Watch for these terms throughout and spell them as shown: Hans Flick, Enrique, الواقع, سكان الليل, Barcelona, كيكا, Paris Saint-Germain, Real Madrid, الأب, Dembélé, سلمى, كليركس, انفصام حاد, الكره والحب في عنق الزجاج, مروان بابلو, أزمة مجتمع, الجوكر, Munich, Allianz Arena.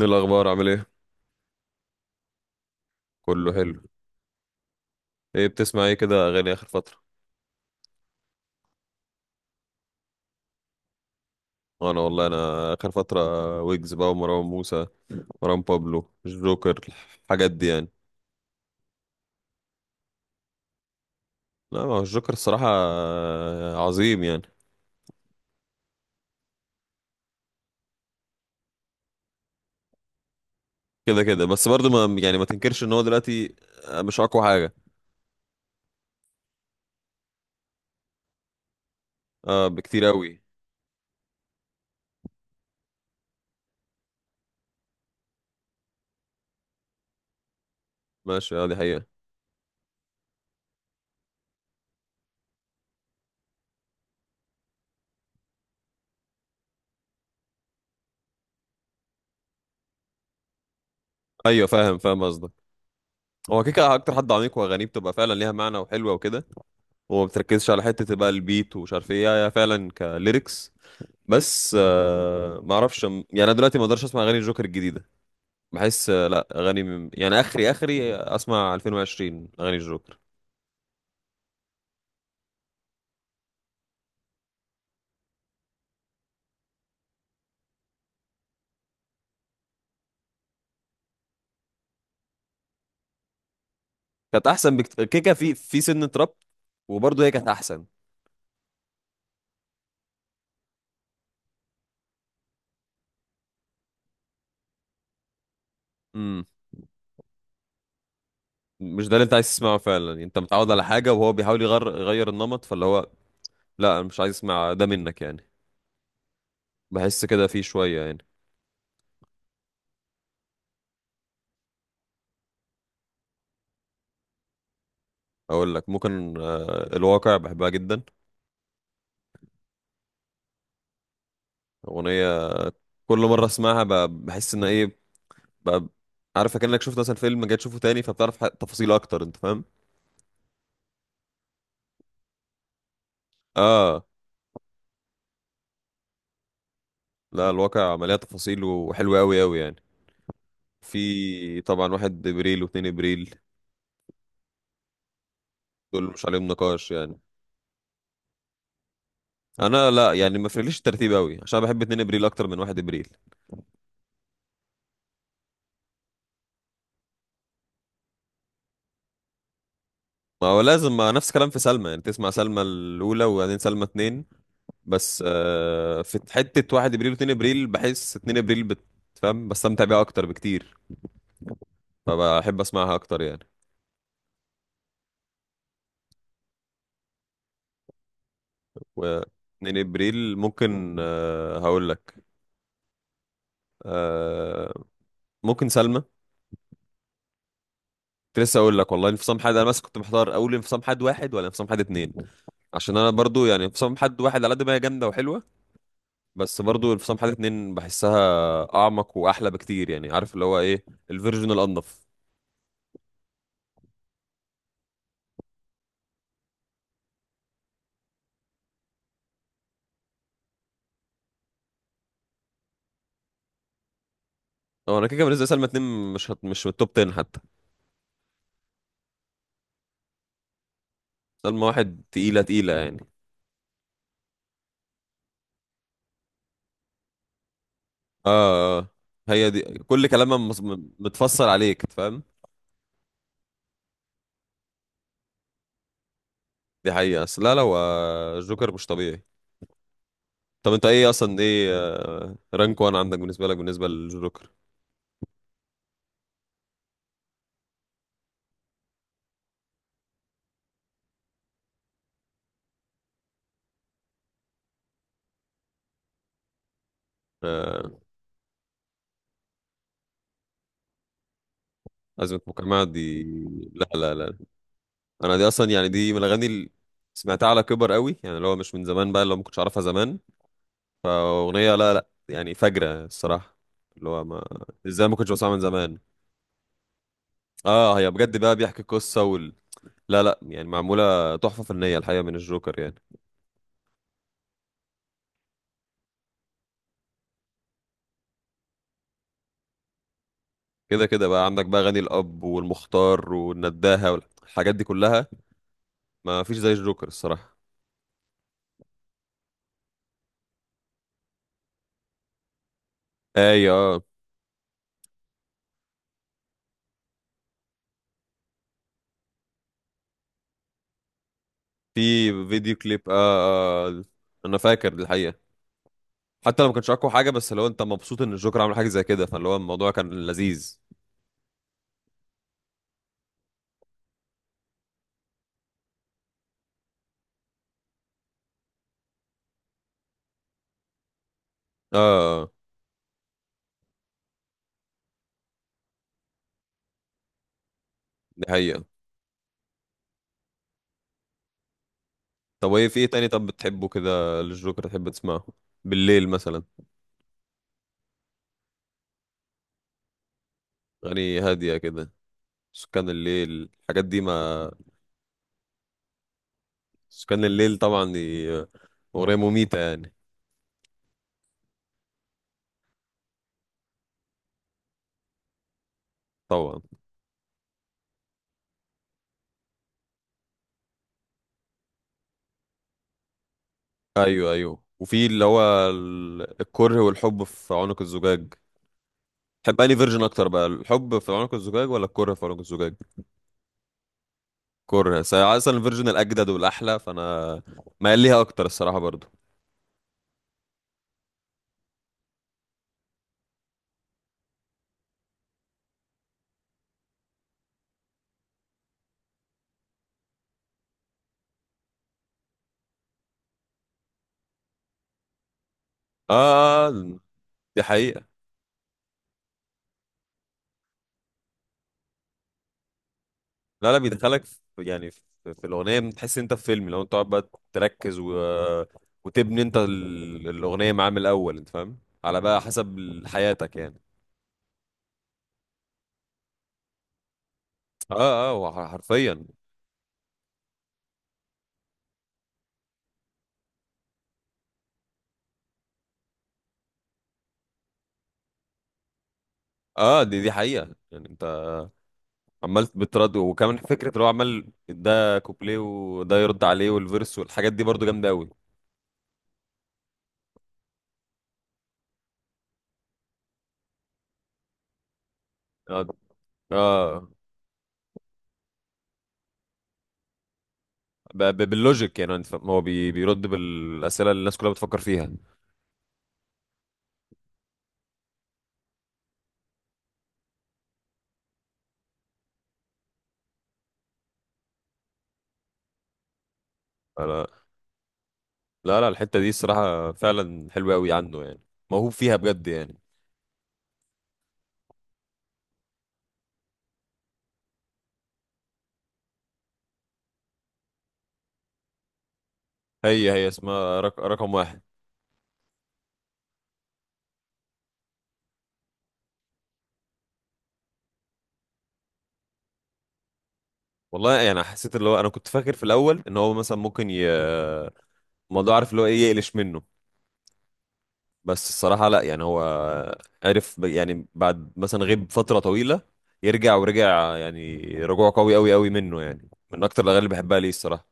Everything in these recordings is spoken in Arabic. إيه الاخبار؟ عامل ايه؟ كله حلو. ايه بتسمع ايه كده اغاني اخر فتره؟ انا والله اخر فتره ويجز بقى ومروان موسى، مروان بابلو، الجوكر، الحاجات دي يعني. لا، ما هو الجوكر الصراحه عظيم يعني. كده كده، بس برضه ما يعني، ما تنكرش ان هو دلوقتي مش اقوى حاجه. اه، بكتير قوي. ماشي، اه، دي حقيقه. ايوه، فاهم فاهم قصدك. هو كيكا اكتر حد عميق، واغانيه بتبقى فعلا ليها معنى وحلوه وكده، وما بتركزش على حته بقى البيت ومش عارف ايه، هي فعلا كليركس. بس آه، ما اعرفش يعني، انا دلوقتي ما اقدرش اسمع اغاني الجوكر الجديده. بحس آه، لا، يعني اخري اخري، اسمع 2020 اغاني الجوكر. كانت احسن كيكه في سن تراب، وبرضه هي كانت احسن. امم مش ده اللي انت عايز تسمعه فعلا يعني، انت متعود على حاجه وهو بيحاول يغير النمط، فاللي هو لا، انا مش عايز اسمع ده منك يعني. بحس كده فيه شويه يعني. اقول لك ممكن آه، الواقع بحبها جدا. اغنيه كل مره اسمعها، بحس ان ايه بقى، عارف، كأنك شفت مثلا فيلم جاي تشوفه تاني فبتعرف تفاصيل اكتر، انت فاهم. اه. لا، الواقع مليان تفاصيل وحلوة قوي قوي يعني. في طبعا واحد ابريل واتنين ابريل، دول مش عليهم نقاش يعني. انا لا يعني، ما فرقليش الترتيب قوي، عشان بحب اتنين ابريل اكتر من واحد ابريل. ما هو لازم، ما نفس الكلام في سلمى يعني، تسمع سلمى الاولى وبعدين سلمى اتنين. بس آه، في حتة واحد ابريل واتنين ابريل بحس اتنين ابريل بتفهم، بستمتع بيها اكتر بكتير، فبحب اسمعها اكتر يعني. و 2 ابريل ممكن آه، هقول لك آه، ممكن سلمى. كنت لسه اقول لك والله انفصام حاد، انا بس كنت محتار، اول انفصام حاد واحد ولا انفصام حاد اتنين، عشان انا برضو يعني انفصام حاد واحد على قد ما هي جامده وحلوه، بس برضو انفصام حاد اتنين بحسها اعمق واحلى بكتير، يعني عارف اللي هو ايه، الفيرجن الانضف. هو انا كده كده بالنسبه لسلمى اتنين مش من التوب 10 حتى. سلمى واحد تقيله تقيله يعني. اه اه أه. هي دي كل كلامها متفصل عليك، فاهم. دي حقيقة، بس لا لا، هو الجوكر مش طبيعي. طب انت ايه اصلا، ايه آه، رانك وان عندك، بالنسبه لك، بالنسبه للجوكر؟ آه، ازمه مجتمع دي؟ لا لا لا، انا دي اصلا يعني، دي من الاغاني اللي سمعتها على كبر قوي يعني، اللي هو مش من زمان بقى، اللي هو ما كنتش اعرفها زمان. فاغنيه لا لا يعني، فجره الصراحه، اللي هو ما، ازاي ما كنتش بسمعها من زمان. اه، هي بجد بقى بيحكي قصه وال... لا لا يعني، معموله تحفه فنيه الحقيقه من الجوكر يعني. كده كده بقى عندك بقى اغاني الاب والمختار والنداهه والحاجات دي كلها، ما فيش زي الجوكر الصراحه. ايوه، في فيديو كليب، آه, آه، انا فاكر الحقيقه. حتى لو ما كانش اقوى حاجه، بس لو انت مبسوط ان الجوكر عمل حاجه زي كده، فاللي هو الموضوع كان لذيذ. اه، دي حقيقه. طب، وايه في ايه تاني طب بتحبه كده للجوكر تحب تسمعه بالليل مثلا؟ اغاني هاديه كده، سكان الليل، الحاجات دي ما. سكان الليل طبعا، دي اغنيه مميته يعني. طبعا. ايوه ايوه، وفي اللي هو الكره والحب في عنق الزجاج. تحب انهي فيرجن اكتر بقى، الحب في عنق الزجاج ولا الكره في عنق الزجاج؟ كوريا، بس اصلا الفيرجن الاجدد والاحلى فانا مايل ليها اكتر الصراحه برضو. اه آه، آه، آه، دي حقيقه. لا لا، بيدخلك في يعني في الاغنيه، بتحس إن انت في فيلم لو انت تقعد بقى تركز و... وتبني انت الاغنيه معاه من الاول، انت فاهم، على بقى حسب حياتك يعني. اه اه، هو حرفيا. اه آه، دي دي حقيقه يعني. انت عمال بترد، وكمان فكره اللي هو عمال ده كوبليه وده يرد عليه والفيرس والحاجات دي برضو جامده قوي. اه آه. آه. باللوجيك يعني انت فاهم؟ هو بيرد بالاسئله اللي الناس كلها بتفكر فيها. انا لا لا، الحته دي الصراحه فعلا حلوه قوي عنده يعني، موهوب فيها بجد يعني. هي هي اسمها رقم واحد. والله يعني، حسيت اللي هو انا كنت فاكر في الاول ان هو مثلا ممكن الموضوع، عارف اللي هو ايه، يقلش منه، بس الصراحه لا يعني. هو عرف يعني بعد مثلا غيب فتره طويله يرجع، ورجع يعني رجوع قوي قوي قوي منه يعني، من اكتر الاغاني اللي بحبها ليه الصراحه.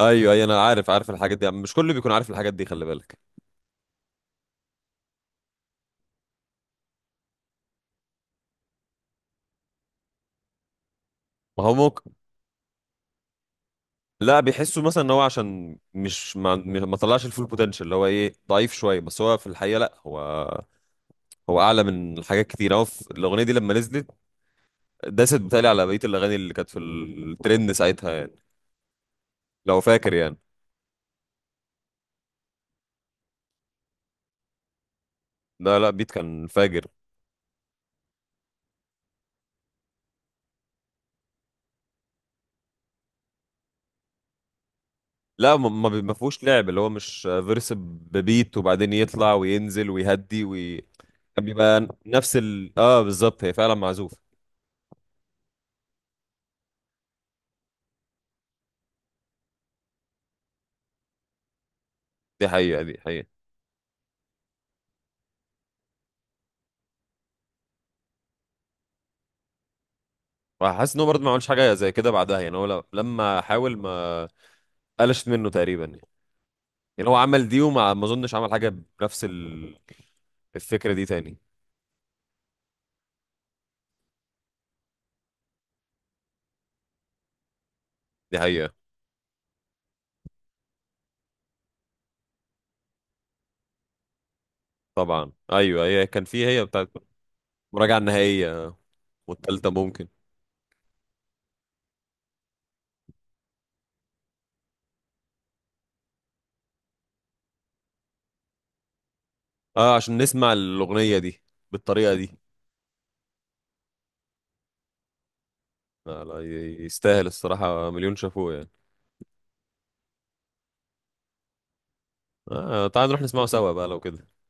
ايوه ايوه، انا عارف عارف الحاجات دي، مش كله بيكون عارف الحاجات دي، خلي بالك. ما هو ممكن، لا بيحسوا مثلا ان هو عشان مش ما طلعش الفول بوتنشال، اللي هو ايه، ضعيف شويه، بس هو في الحقيقه لا، هو هو اعلى من حاجات كتير. هو في الاغنيه دي لما نزلت داست بتالي على بقيه الاغاني اللي كانت في الترند ساعتها يعني، لو فاكر يعني. لا لا، بيت كان فاجر. لا ما فيهوش لعب، اللي هو مش فيرس ببيت وبعدين يطلع وينزل ويهدي كان بيبقى نفس ال، اه، بالظبط، هي فعلا معزوفه. دي حقيقه، دي حقيقه. وحاسس ان هو برضه ما عملش حاجه زي كده بعدها يعني. هو لما حاول ما قلشت منه تقريبا يعني، يعني هو عمل دي وما، ما اظنش عمل حاجه بنفس الفكره دي تاني. دي حقيقه. طبعا، ايوه، هي كان في، هي بتاعت المراجعه النهائيه والتالتة ممكن. اه، عشان نسمع الاغنيه دي بالطريقه دي. لا لا، يستاهل الصراحه مليون شافوه يعني. آه، تعال نروح نسمعه سوا بقى لو كده.